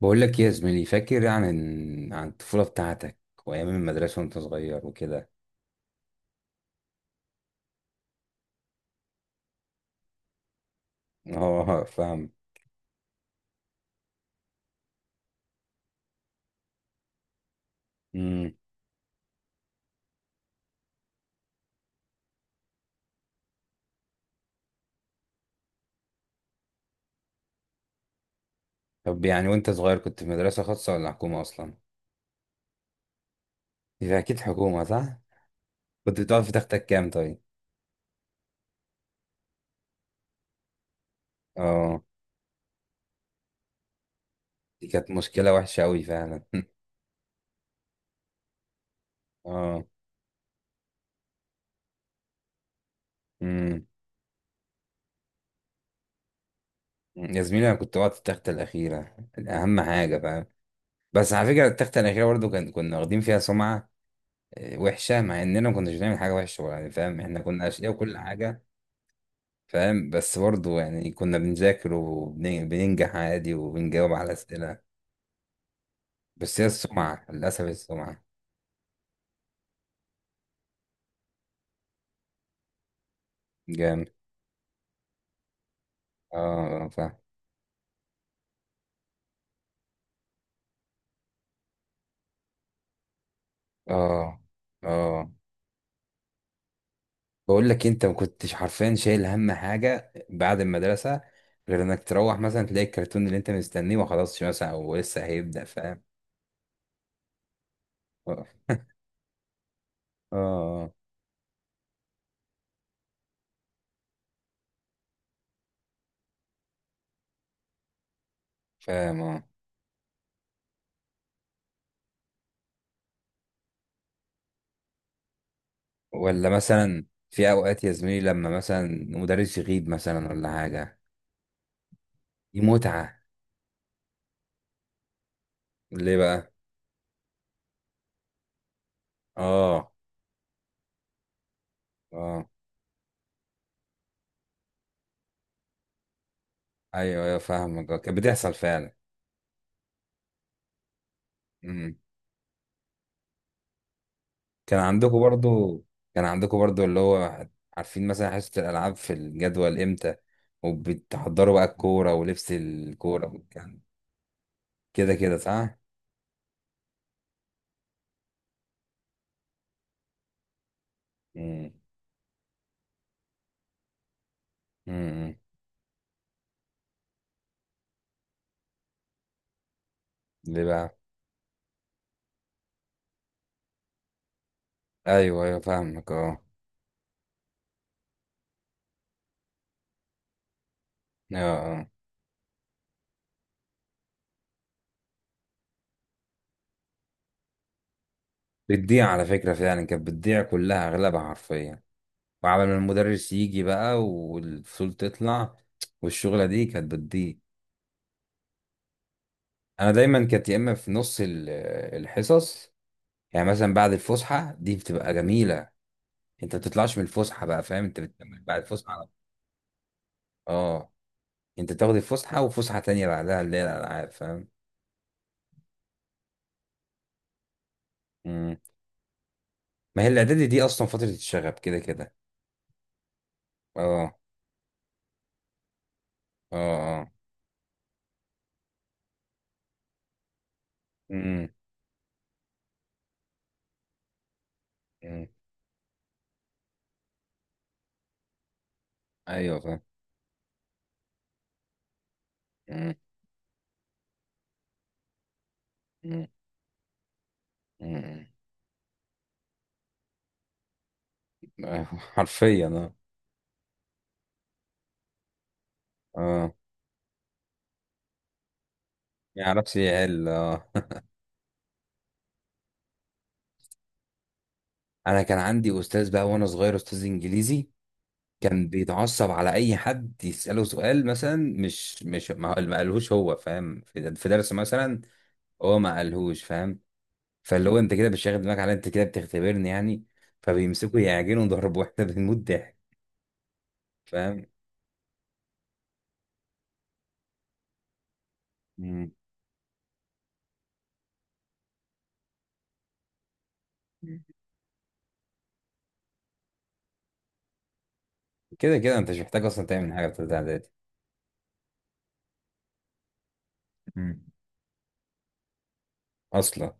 بقول لك إيه يا زميلي، فاكر عن الطفولة بتاعتك وأيام المدرسة وأنت صغير وكده؟ اه، فاهم. امم. طب يعني وأنت صغير كنت في مدرسة خاصة ولا حكومة أصلا؟ يبقى أكيد حكومة صح؟ كنت بتقعد في تختك كام طيب؟ اه. دي كانت مشكلة وحشة أوي فعلا. اه. امم. يا زميلي، أنا كنت بقعد في التختة الأخيرة، أهم حاجة، فاهم. بس على فكرة التختة الأخيرة برضو كنا واخدين فيها سمعة. آه، وحشة، مع إننا ما كناش بنعمل حاجة وحشة يعني، فاهم، إحنا كنا أشقياء وكل حاجة. فاهم، بس برضه يعني كنا بنذاكر وبننجح عادي وبنجاوب على أسئلة. بس هي السمعة للأسف، السمعة. جامد. اه، آه، فاهم. اه، اه. بقول لك انت ما كنتش حرفيا شايل هم حاجة بعد المدرسة، غير انك تروح مثلا تلاقي الكرتون اللي انت مستنيه ما خلصش مثلا او لسه هيبدأ، فاهم. اه، آه، آه. فاهم، اه. ولا مثلا في اوقات يا زميلي لما مثلا مدرس يغيب مثلا ولا حاجة. دي متعة. ليه بقى؟ اه، اه. ايوه، ايوه، فاهمك، آه، كانت بتحصل فعلا. مم. كان عندكم برضو كان عندكم برضو اللي هو عارفين مثلا حصة الالعاب في الجدول امتى، وبتحضروا بقى الكورة ولبس الكورة والكلام، كده كده صح؟ مم. مم. ليه بقى؟ ايوه، ايوه، فاهمك، اه. اه، اه. بتضيع على فكرة، فعلا كانت بتضيع كلها اغلبها حرفيا. وعمل ما المدرس يجي بقى والفصول تطلع، والشغلة دي كانت بتضيع. انا دايما كانت يا اما في نص الحصص، يعني مثلا بعد الفسحه دي بتبقى جميله، انت ما بتطلعش من الفسحه بقى، فاهم، انت بتكمل بعد الفسحه على طول. اه. انت بتاخد الفسحه وفسحه تانية بعدها اللي هي الالعاب، فاهم. مم. ما هي الاعدادي دي اصلا فتره الشغب كده كده. اه، اه، اه. مم. مم. ايوه فاهم. مم. مم. مم. أيوة، حرفيا، اه. اه، ما يعرفش يحل، اه. انا كان عندي استاذ بقى وانا صغير، استاذ انجليزي، كان بيتعصب على اي حد يساله سؤال مثلا مش ما قالهوش هو، فاهم، في درس مثلا، هو ما قالهوش، فاهم. فاللي هو انت كده بتشغل دماغك على، انت كده بتختبرني يعني، فبيمسكوا يعجنوا ضرب واحنا بنموت ضحك، فاهم. مم. كده كده انت مش محتاج اصلا تعمل حاجه في تالتة اعدادي. مم. اصلا.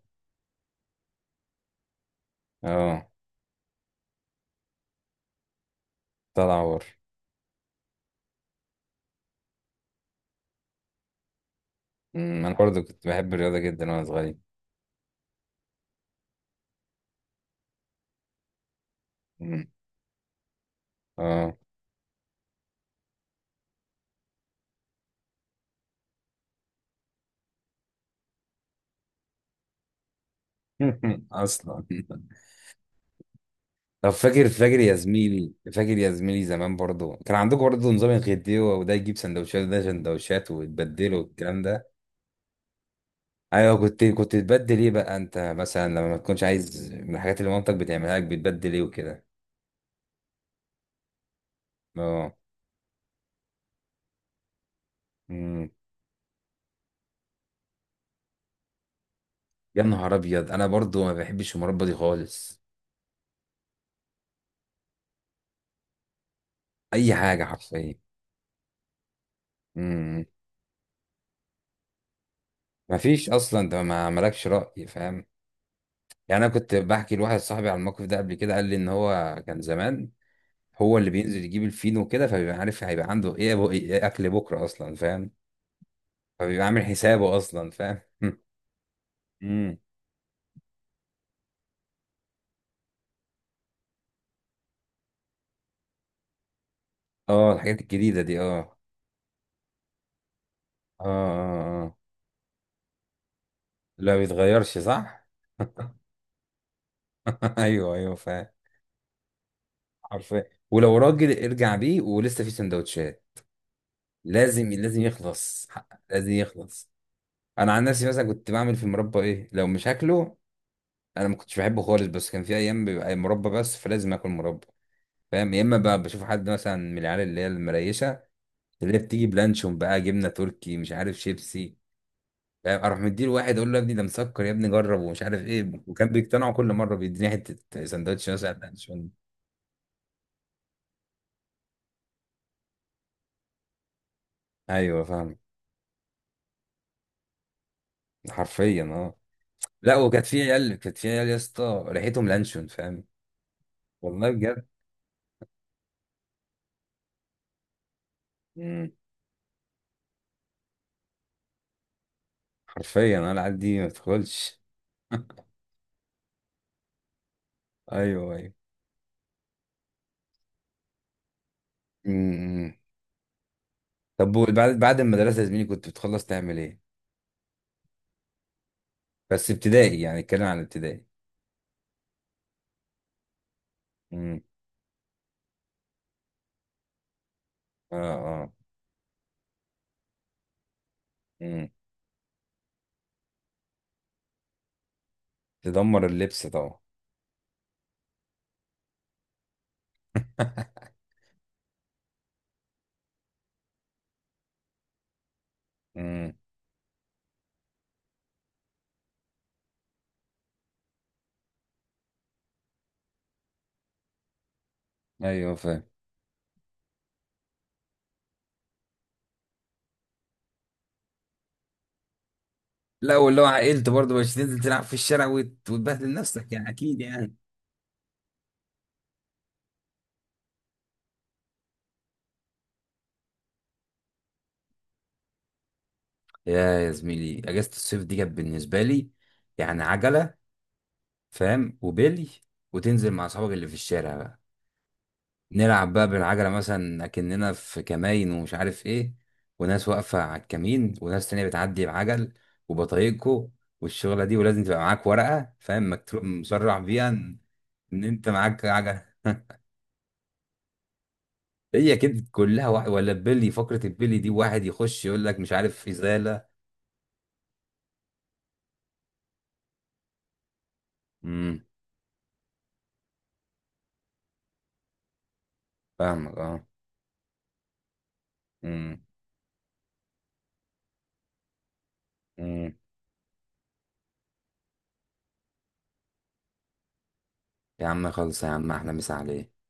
اه. طلع عور. مم. انا برضو كنت بحب الرياضه جدا وانا صغير. مم. اه. اصلا. طب فاكر يا زميلي زمان برضو كان عندكم برضو نظام الغديوة، وده يجيب سندوتشات وده سندوتشات وتبدله والكلام ده. ايوه، كنت تبدل ايه بقى انت مثلا لما ما تكونش عايز من الحاجات اللي مامتك بتعملها لك، بتبدل ايه وكده. اه. امم. يا نهار ابيض، انا برضو ما بحبش المربى دي خالص. اي حاجه حرفيا. امم. ما فيش اصلا، انت ما مالكش راي، فاهم. يعني انا كنت بحكي لواحد صاحبي على الموقف ده قبل كده، قال لي ان هو كان زمان هو اللي بينزل يجيب الفينو كده، فبيبقى عارف هيبقى عنده ايه، إيه اكل بكره اصلا، فاهم. فبيبقى عامل حسابه اصلا، فاهم. امم. اه، الحاجات الجديده دي، اه. اه، اه، اه. لا بيتغيرش صح. ايوه، ايوه، فاهم. حرفيا ولو راجل ارجع بيه ولسه في سندوتشات. لازم يخلص لازم يخلص. انا عن نفسي مثلا كنت بعمل في المربى ايه لو مش هاكله. انا ما كنتش بحبه خالص بس كان في ايام بيبقى مربى بس فلازم اكل مربى. فاهم؟ يا اما بقى بشوف حد مثلا من العيال اللي هي المريشه، اللي هي بتيجي بلانشون بقى، جبنه تركي، مش عارف شيبسي. فاهم؟ اروح مديله واحد اقول له يا ابني ده مسكر يا ابني جرب ومش عارف ايه، وكان بيقتنعوا كل مره بيديني حته سندوتش مثلا لانشون. ايوه فاهم. حرفيا، اه. لا، وكانت في عيال يا اسطى ريحتهم لانشون، فاهم. والله بجد. مم. حرفيا انا العيال دي ما تدخلش. ايوه، ايوه. مم. طب بعد المدرسه يا زميلي كنت بتخلص تعمل ايه؟ بس ابتدائي، يعني اتكلم عن ابتدائي. امم. اه، اه. امم. تدمر اللبس طبعا. مم. ايوه فاهم. لا، واللي هو عائلته برضه مش تنزل تلعب في الشارع وتبهدل نفسك يعني، اكيد يعني. يا زميلي اجازه الصيف دي كانت بالنسبه لي يعني عجله، فاهم، وبيلي، وتنزل مع اصحابك اللي في الشارع بقى، نلعب بقى بالعجله، مثلا اكننا في كماين ومش عارف ايه، وناس واقفه على الكمين وناس تانية بتعدي بعجل، وبطايقكو، والشغله دي، ولازم تبقى معاك ورقه، فاهم، مكتوب مصرح بيها إن انت معاك عجل. هي كده كلها واحد، ولا البلي، فقرة البلي دي واحد يخش يقول لك مش عارف إزالة. امم. فاهمك، اه. امم. امم. يا عم خلص يا عم، احلى مسا عليك.